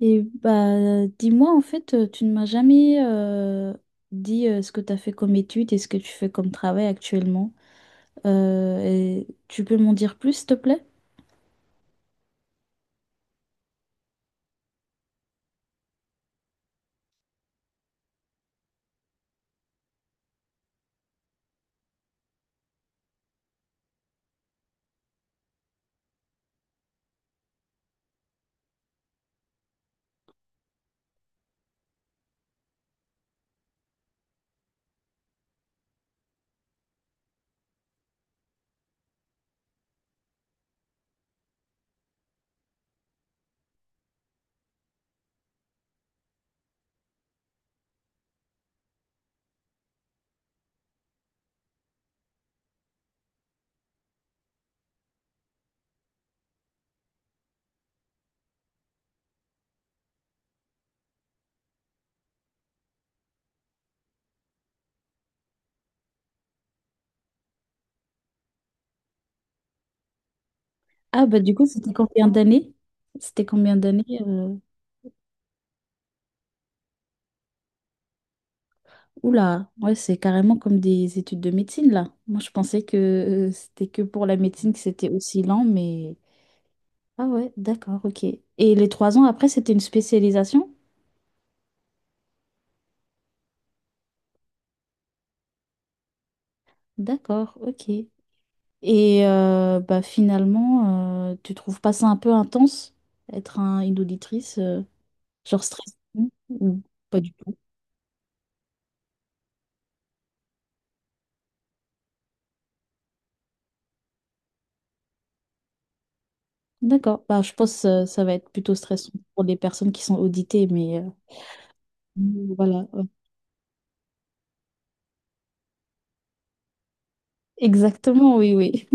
Et bah, dis-moi, en fait, tu ne m'as jamais dit ce que tu as fait comme étude et ce que tu fais comme travail actuellement. Et tu peux m'en dire plus, s'il te plaît? Ah, bah, du coup, c'était combien d'années? C'était combien d'années? Oula, ouais, c'est carrément comme des études de médecine, là. Moi, je pensais que c'était que pour la médecine que c'était aussi lent, mais. Ah, ouais, d'accord, ok. Et les trois ans après, c'était une spécialisation? D'accord, ok. Et bah, finalement, tu trouves pas ça un peu intense, être une auditrice, genre stressant ou pas du tout? D'accord, bah, je pense que ça va être plutôt stressant pour les personnes qui sont auditées, mais voilà. Ouais. Exactement, oui, oui.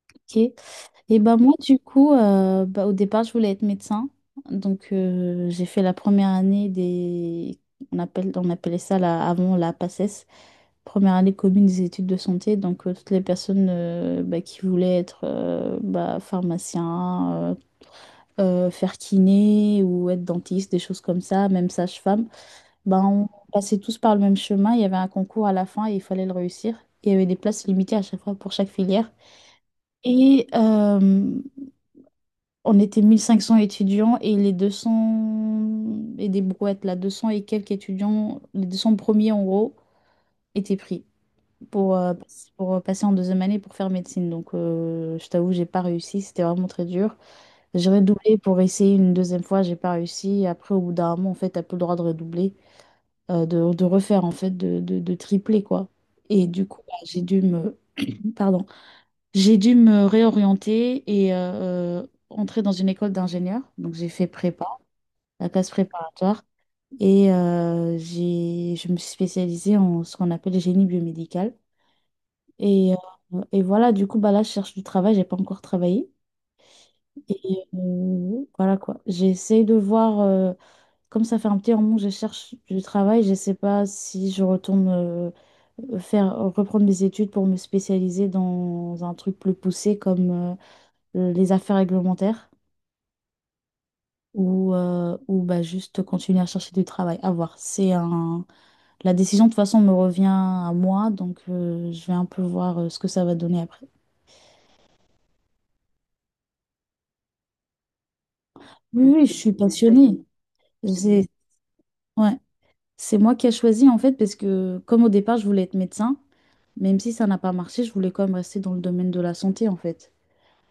Ok. Et ben moi du coup bah, au départ je voulais être médecin donc j'ai fait la première année des on appelle on appelait ça la- avant la PACES, première année commune des études de santé, donc toutes les personnes bah, qui voulaient être bah, pharmacien, euh, faire kiné ou être dentiste, des choses comme ça, même sage-femme. Ben on passait tous par le même chemin, il y avait un concours à la fin et il fallait le réussir. Il y avait des places limitées à chaque fois pour chaque filière. Et on était 1 500 étudiants et les 200 et des brouettes, là, 200 et quelques étudiants, les 200 premiers en gros, étaient pris pour, euh, pour passer en deuxième année pour faire médecine. Donc, je t'avoue, j'ai pas réussi, c'était vraiment très dur. J'ai redoublé pour essayer une deuxième fois, j'ai pas réussi. Après, au bout d'un moment, en fait, t'as plus le droit de redoubler, de refaire, en fait, de tripler, quoi. Et du coup, bah, j'ai dû me, pardon, j'ai dû me réorienter et entrer dans une école d'ingénieur. Donc, j'ai fait prépa, la classe préparatoire. Et je me suis spécialisée en ce qu'on appelle le génie biomédical. Et, et voilà, du coup, bah là, je cherche du travail, j'ai pas encore travaillé. Et voilà quoi. J'essaie de voir, comme ça fait un petit moment que je cherche du travail, je sais pas si je retourne faire, reprendre mes études pour me spécialiser dans un truc plus poussé comme les affaires réglementaires, ou bah, juste continuer à chercher du travail. À voir. C'est un. La décision, de toute façon, me revient à moi, donc je vais un peu voir ce que ça va donner après. Oui, oui, je suis passionnée. C'est ouais. C'est moi qui ai choisi, en fait, parce que comme au départ, je voulais être médecin, même si ça n'a pas marché, je voulais quand même rester dans le domaine de la santé, en fait.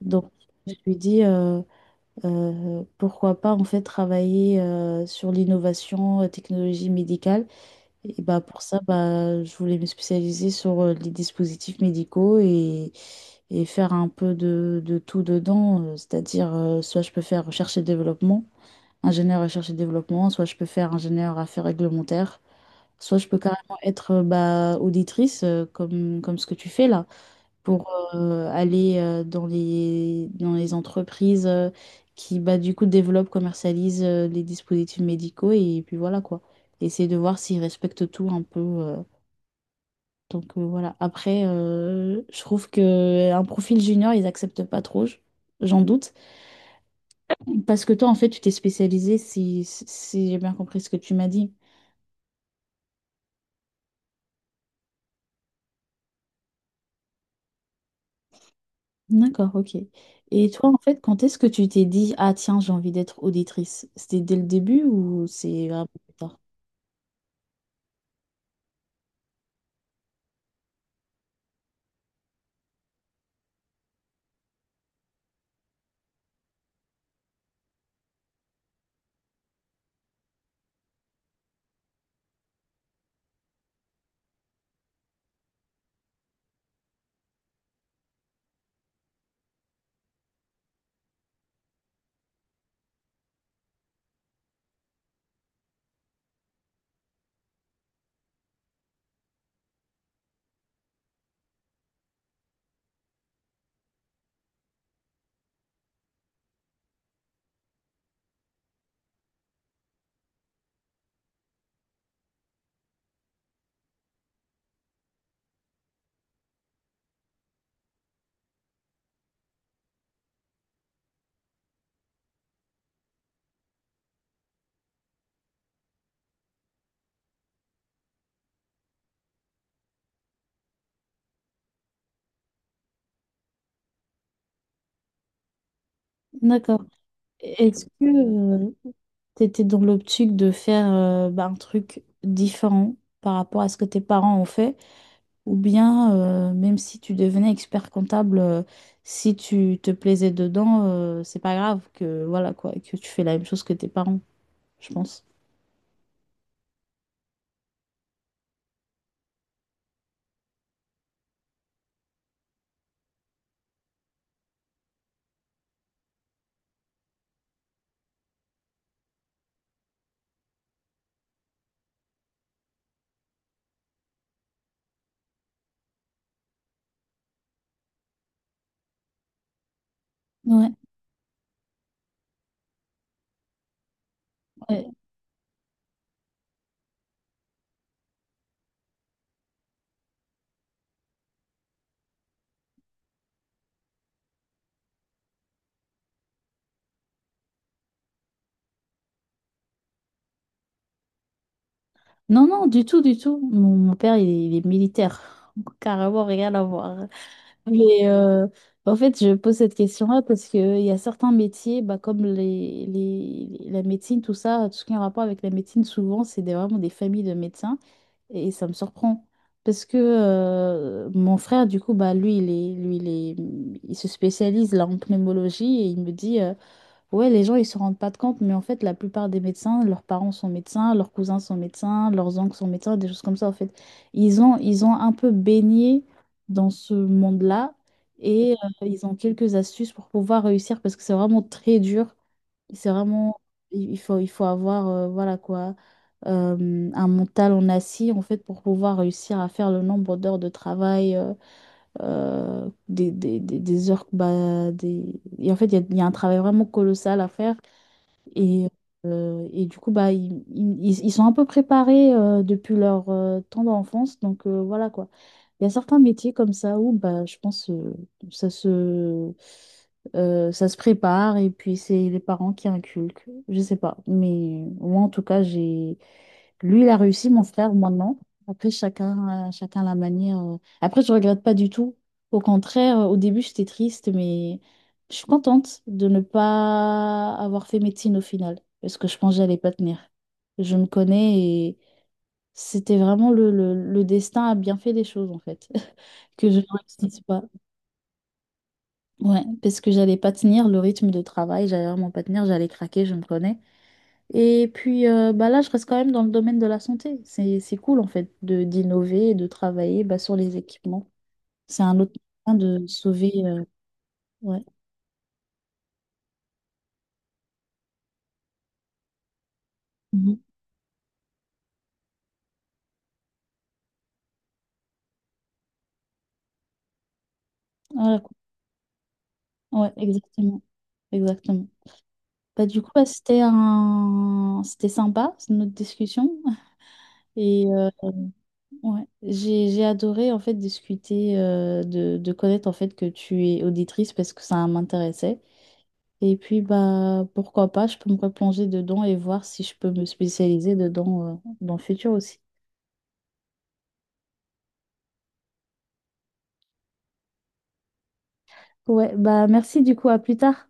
Donc, je me suis dit, pourquoi pas, en fait, travailler sur l'innovation, technologie médicale. Et bah pour ça, bah, je voulais me spécialiser sur les dispositifs médicaux et faire un peu de tout dedans. C'est-à-dire, soit je peux faire recherche et développement, ingénieur recherche et développement, soit je peux faire ingénieur affaires réglementaires, soit je peux carrément être bah, auditrice comme, comme ce que tu fais là pour aller dans les entreprises qui, bah, du coup, développent, commercialisent les dispositifs médicaux et puis voilà quoi. Essayer de voir s'ils respectent tout un peu. Donc voilà. Après, je trouve que un profil junior, ils acceptent pas trop, j'en doute. Parce que toi, en fait, tu t'es spécialisé, si j'ai bien compris ce que tu m'as dit. D'accord, ok. Et toi, en fait, quand est-ce que tu t'es dit, ah tiens, j'ai envie d'être auditrice? C'était dès le début ou c'est vraiment plus tard? D'accord. Est-ce que tu étais dans l'optique de faire bah, un truc différent par rapport à ce que tes parents ont fait? Ou bien, même si tu devenais expert comptable, si tu te plaisais dedans, c'est pas grave que, voilà, quoi, que tu fais la même chose que tes parents, je pense. Ouais. Ouais. Non, non, du tout, du tout. Mon père, il est militaire. Carrément, rien à voir. Mais en fait, je pose cette question-là parce qu'il y a certains métiers, bah, comme la médecine, tout ça, tout ce qui est en rapport avec la médecine, souvent, c'est des- vraiment des familles de médecins et ça me surprend. Parce que mon frère, du coup, bah, lui, il se spécialise là, en pneumologie et il me dit. Ouais, les gens, ils se rendent pas de compte, mais en fait, la plupart des médecins, leurs parents sont médecins, leurs cousins sont médecins, leurs oncles sont médecins, des choses comme ça, en fait. Ils ont un peu baigné dans ce monde-là et ils ont quelques astuces pour pouvoir réussir parce que c'est vraiment très dur. C'est vraiment, il faut avoir, voilà quoi, un mental en acier, en fait, pour pouvoir réussir à faire le nombre d'heures de travail, des heures, bah, des... Et en fait, il y a un travail vraiment colossal à faire. Et, et du coup, bah, ils sont un peu préparés depuis leur temps d'enfance. Donc voilà quoi. Il y a certains métiers comme ça où bah, je pense ça se, ça se prépare et puis c'est les parents qui inculquent. Je sais pas. Mais moi en tout cas, j'ai lui, il a réussi, mon frère, moi non. Après, chacun la manière. Après, je regrette pas du tout. Au contraire, au début, j'étais triste, mais je suis contente de ne pas avoir fait médecine au final, parce que je pense que j'allais pas tenir. Je me connais et c'était vraiment le destin a bien fait les choses, en fait, que je ne réussisse pas. Ouais, parce que j'allais pas tenir le rythme de travail, j'allais vraiment pas tenir, j'allais craquer, je me connais. Et puis bah là, je reste quand même dans le domaine de la santé. C'est cool en fait de d'innover et de travailler bah, sur les équipements. C'est un autre moyen de sauver. Ouais. Mhm. Voilà quoi. Ouais, exactement. Exactement. Bah, du coup, bah, c'était sympa, c'est notre discussion. Et ouais, j'ai adoré en fait discuter, de connaître en fait que tu es auditrice parce que ça m'intéressait. Et puis, bah, pourquoi pas, je peux me replonger dedans et voir si je peux me spécialiser dedans, dans le futur aussi. Ouais, bah merci du coup, à plus tard.